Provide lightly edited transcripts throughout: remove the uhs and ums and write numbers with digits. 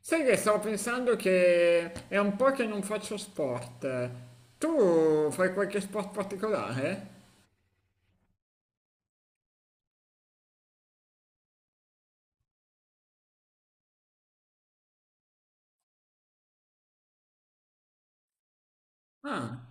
Sai che stavo pensando che è un po' che non faccio sport. Tu fai qualche sport particolare? Ah,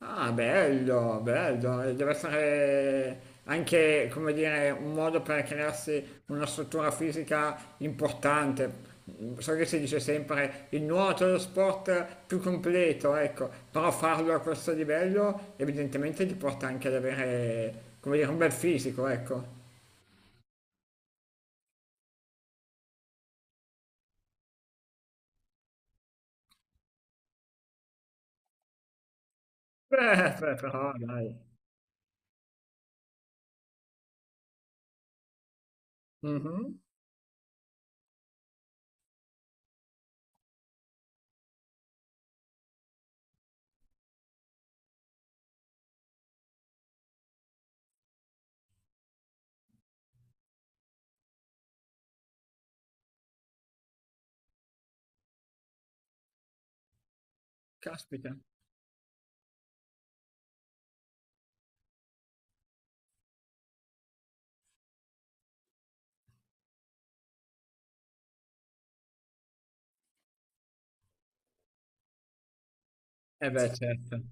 ah, bello, bello. E deve essere anche, come dire, un modo per crearsi una struttura fisica importante. So che si dice sempre il nuoto è lo sport più completo, ecco, però farlo a questo livello evidentemente ti porta anche ad avere, come dire, un bel fisico, ecco. Beh, beh, però dai. Mh-mh. Caspita. Eh beh, certo.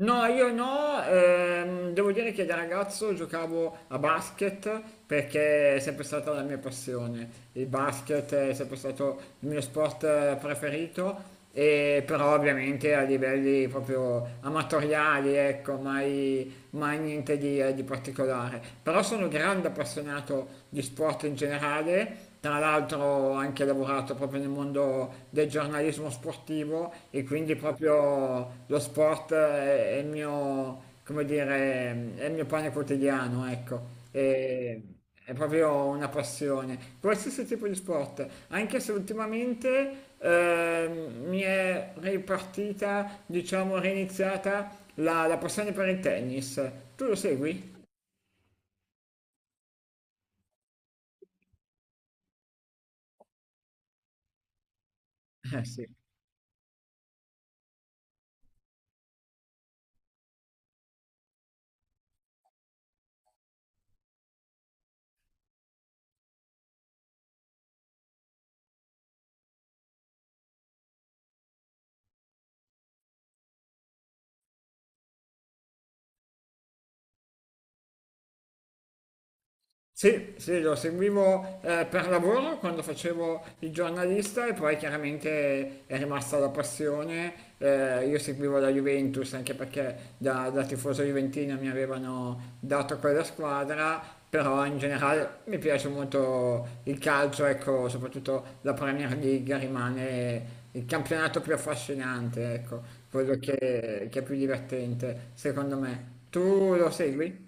No, io no, devo dire che da ragazzo giocavo a basket perché è sempre stata la mia passione. Il basket è sempre stato il mio sport preferito, e però ovviamente a livelli proprio amatoriali, ecco, mai, mai niente di, di particolare. Però sono grande appassionato di sport in generale, tra l'altro anche lavoro lavorato proprio nel mondo del giornalismo sportivo e quindi proprio lo sport è il mio, come dire, è il mio pane quotidiano, ecco. E- è proprio una passione, qualsiasi tipo di sport, anche se ultimamente mi è ripartita, diciamo, riniziata la passione per il tennis. Tu lo segui? Eh sì. Sì, sì, lo seguivo per lavoro quando facevo il giornalista e poi chiaramente è rimasta la passione. Io seguivo la Juventus anche perché da tifoso juventino mi avevano dato quella squadra, però in generale mi piace molto il calcio, ecco, soprattutto la Premier League rimane il campionato più affascinante, ecco, quello che è più divertente, secondo me. Tu lo segui?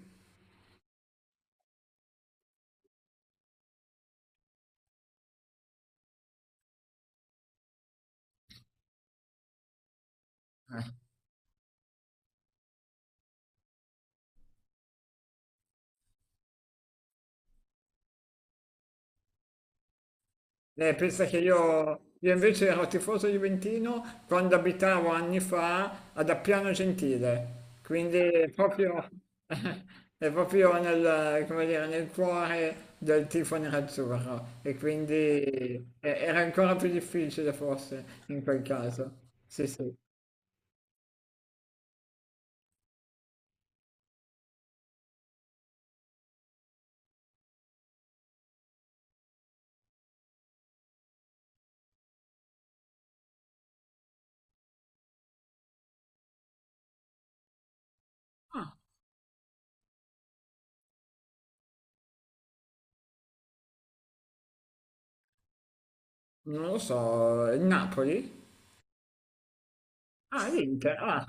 Pensa che io invece ero tifoso juventino quando abitavo anni fa ad Appiano Gentile, quindi è proprio, è proprio nel, come dire, nel cuore del tifo nerazzurro e quindi era ancora più difficile forse in quel caso. Sì, sì, non lo so, il Napoli? Ah, l'Inter, ah.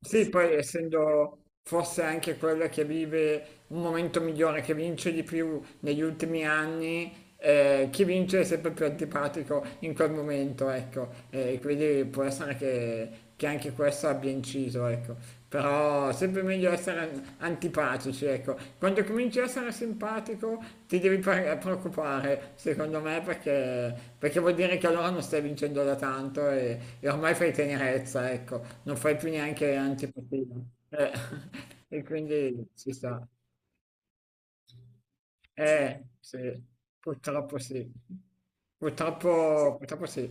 Sì, poi essendo forse anche quella che vive un momento migliore, che vince di più negli ultimi anni, chi vince è sempre più antipatico in quel momento, ecco. E quindi può essere che anche questo abbia inciso, ecco. Però sempre meglio essere an- antipatici, ecco. Quando cominci a essere simpatico ti devi pre- preoccupare, secondo me, perché, perché vuol dire che allora non stai vincendo da tanto e ormai fai tenerezza, ecco. Non fai più neanche antipatia. Eh, e quindi si sta. Eh, sì, sì. Purtroppo, purtroppo sì.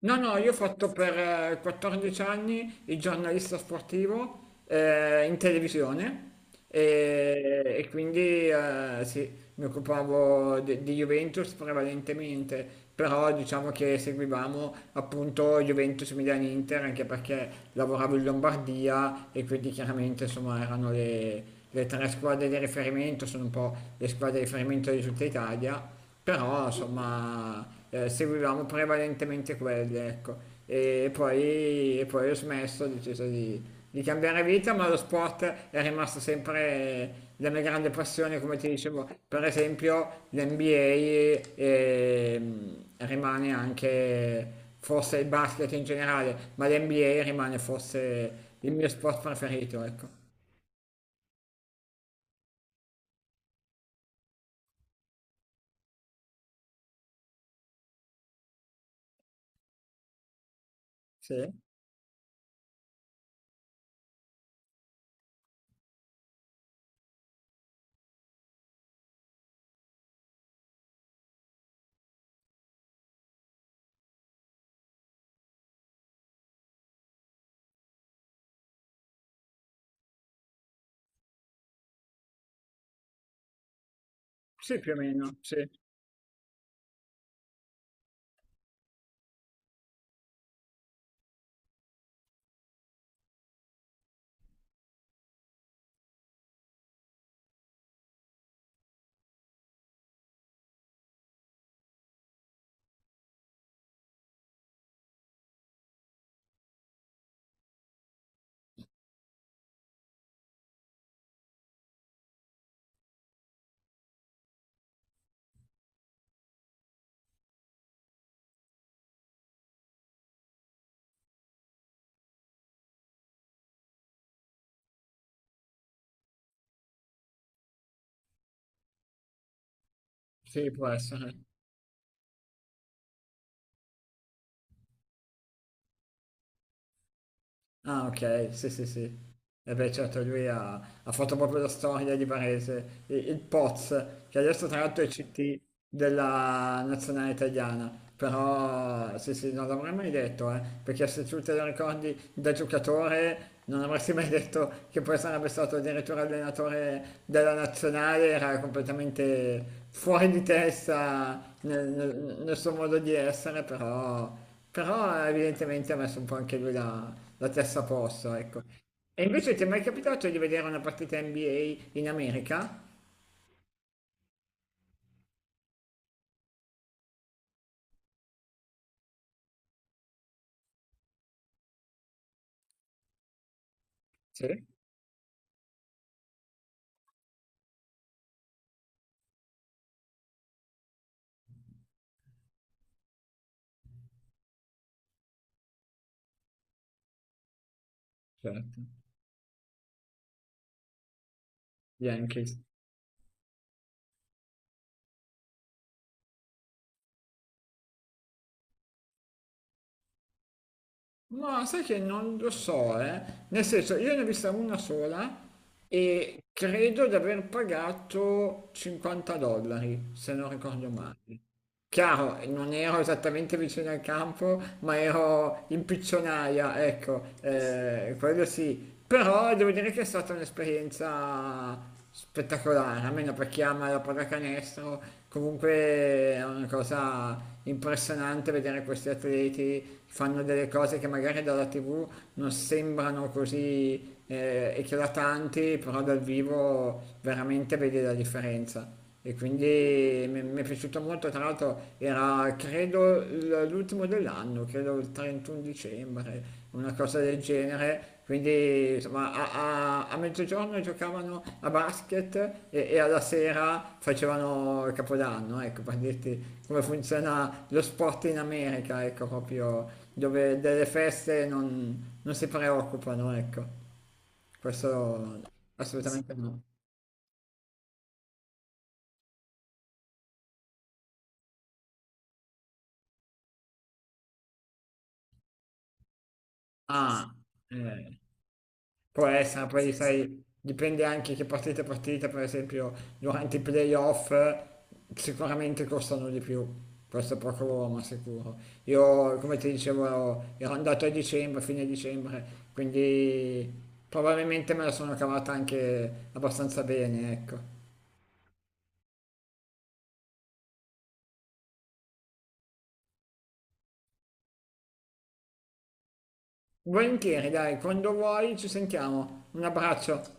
No, no, io ho fatto per 14 anni il giornalista sportivo in televisione e quindi sì, mi occupavo de- di Juventus prevalentemente, però diciamo che seguivamo appunto Juventus Milan Inter anche perché lavoravo in Lombardia e quindi chiaramente insomma erano le tre squadre di riferimento, sono un po' le squadre di riferimento di tutta Italia. Però insomma seguivamo prevalentemente quelle, ecco. E poi ho smesso, ho deciso di cambiare vita, ma lo sport è rimasto sempre la mia grande passione, come ti dicevo. Per esempio, l'NBA rimane anche, forse il basket in generale, ma l'NBA rimane forse il mio sport preferito, ecco. Sì, sì, più o meno, sì, sì, può essere. Ah okay, sì, sì, sì. E beh certo lui ha fatto proprio la storia di Varese, i il Poz, che adesso tra l'altro è CT della nazionale italiana, però sì, sì, non l'avrei mai detto, perché se tu te lo ricordi da giocatore non avresti mai detto che poi sarebbe stato addirittura allenatore della nazionale, era completamente fuori di testa nel suo modo di essere, però però evidentemente ha messo un po' anche lui la testa a posto, ecco. E invece ti è mai capitato di vedere una partita NBA in America? Sì, certo. Yankees. Ma sai che non lo so, eh? Nel senso, io ne ho vista una sola e credo di aver pagato 50 dollari, se non ricordo male. Chiaro, non ero esattamente vicino al campo, ma ero in piccionaia, ecco, quello sì. Però devo dire che è stata un'esperienza spettacolare, almeno per chi ama la pallacanestro. Comunque è una cosa impressionante vedere questi atleti che fanno delle cose che magari dalla TV non sembrano così eclatanti, però dal vivo veramente vedi la differenza. E quindi mi è piaciuto molto, tra l'altro era credo l- l'ultimo dell'anno, credo il 31 dicembre, una cosa del genere. Quindi insomma a mezzogiorno giocavano a basket e alla sera facevano il Capodanno, ecco, per dirti come funziona lo sport in America, ecco, proprio dove delle feste non si preoccupano, ecco. Questo assolutamente no. Ah, eh, può essere, poi sai, dipende anche che partite, per esempio, durante i playoff sicuramente costano di più, questo è poco ma sicuro. Io, come ti dicevo, ero andato a dicembre, fine dicembre, quindi probabilmente me la sono cavata anche abbastanza bene, ecco. Volentieri, dai, quando vuoi ci sentiamo. Un abbraccio.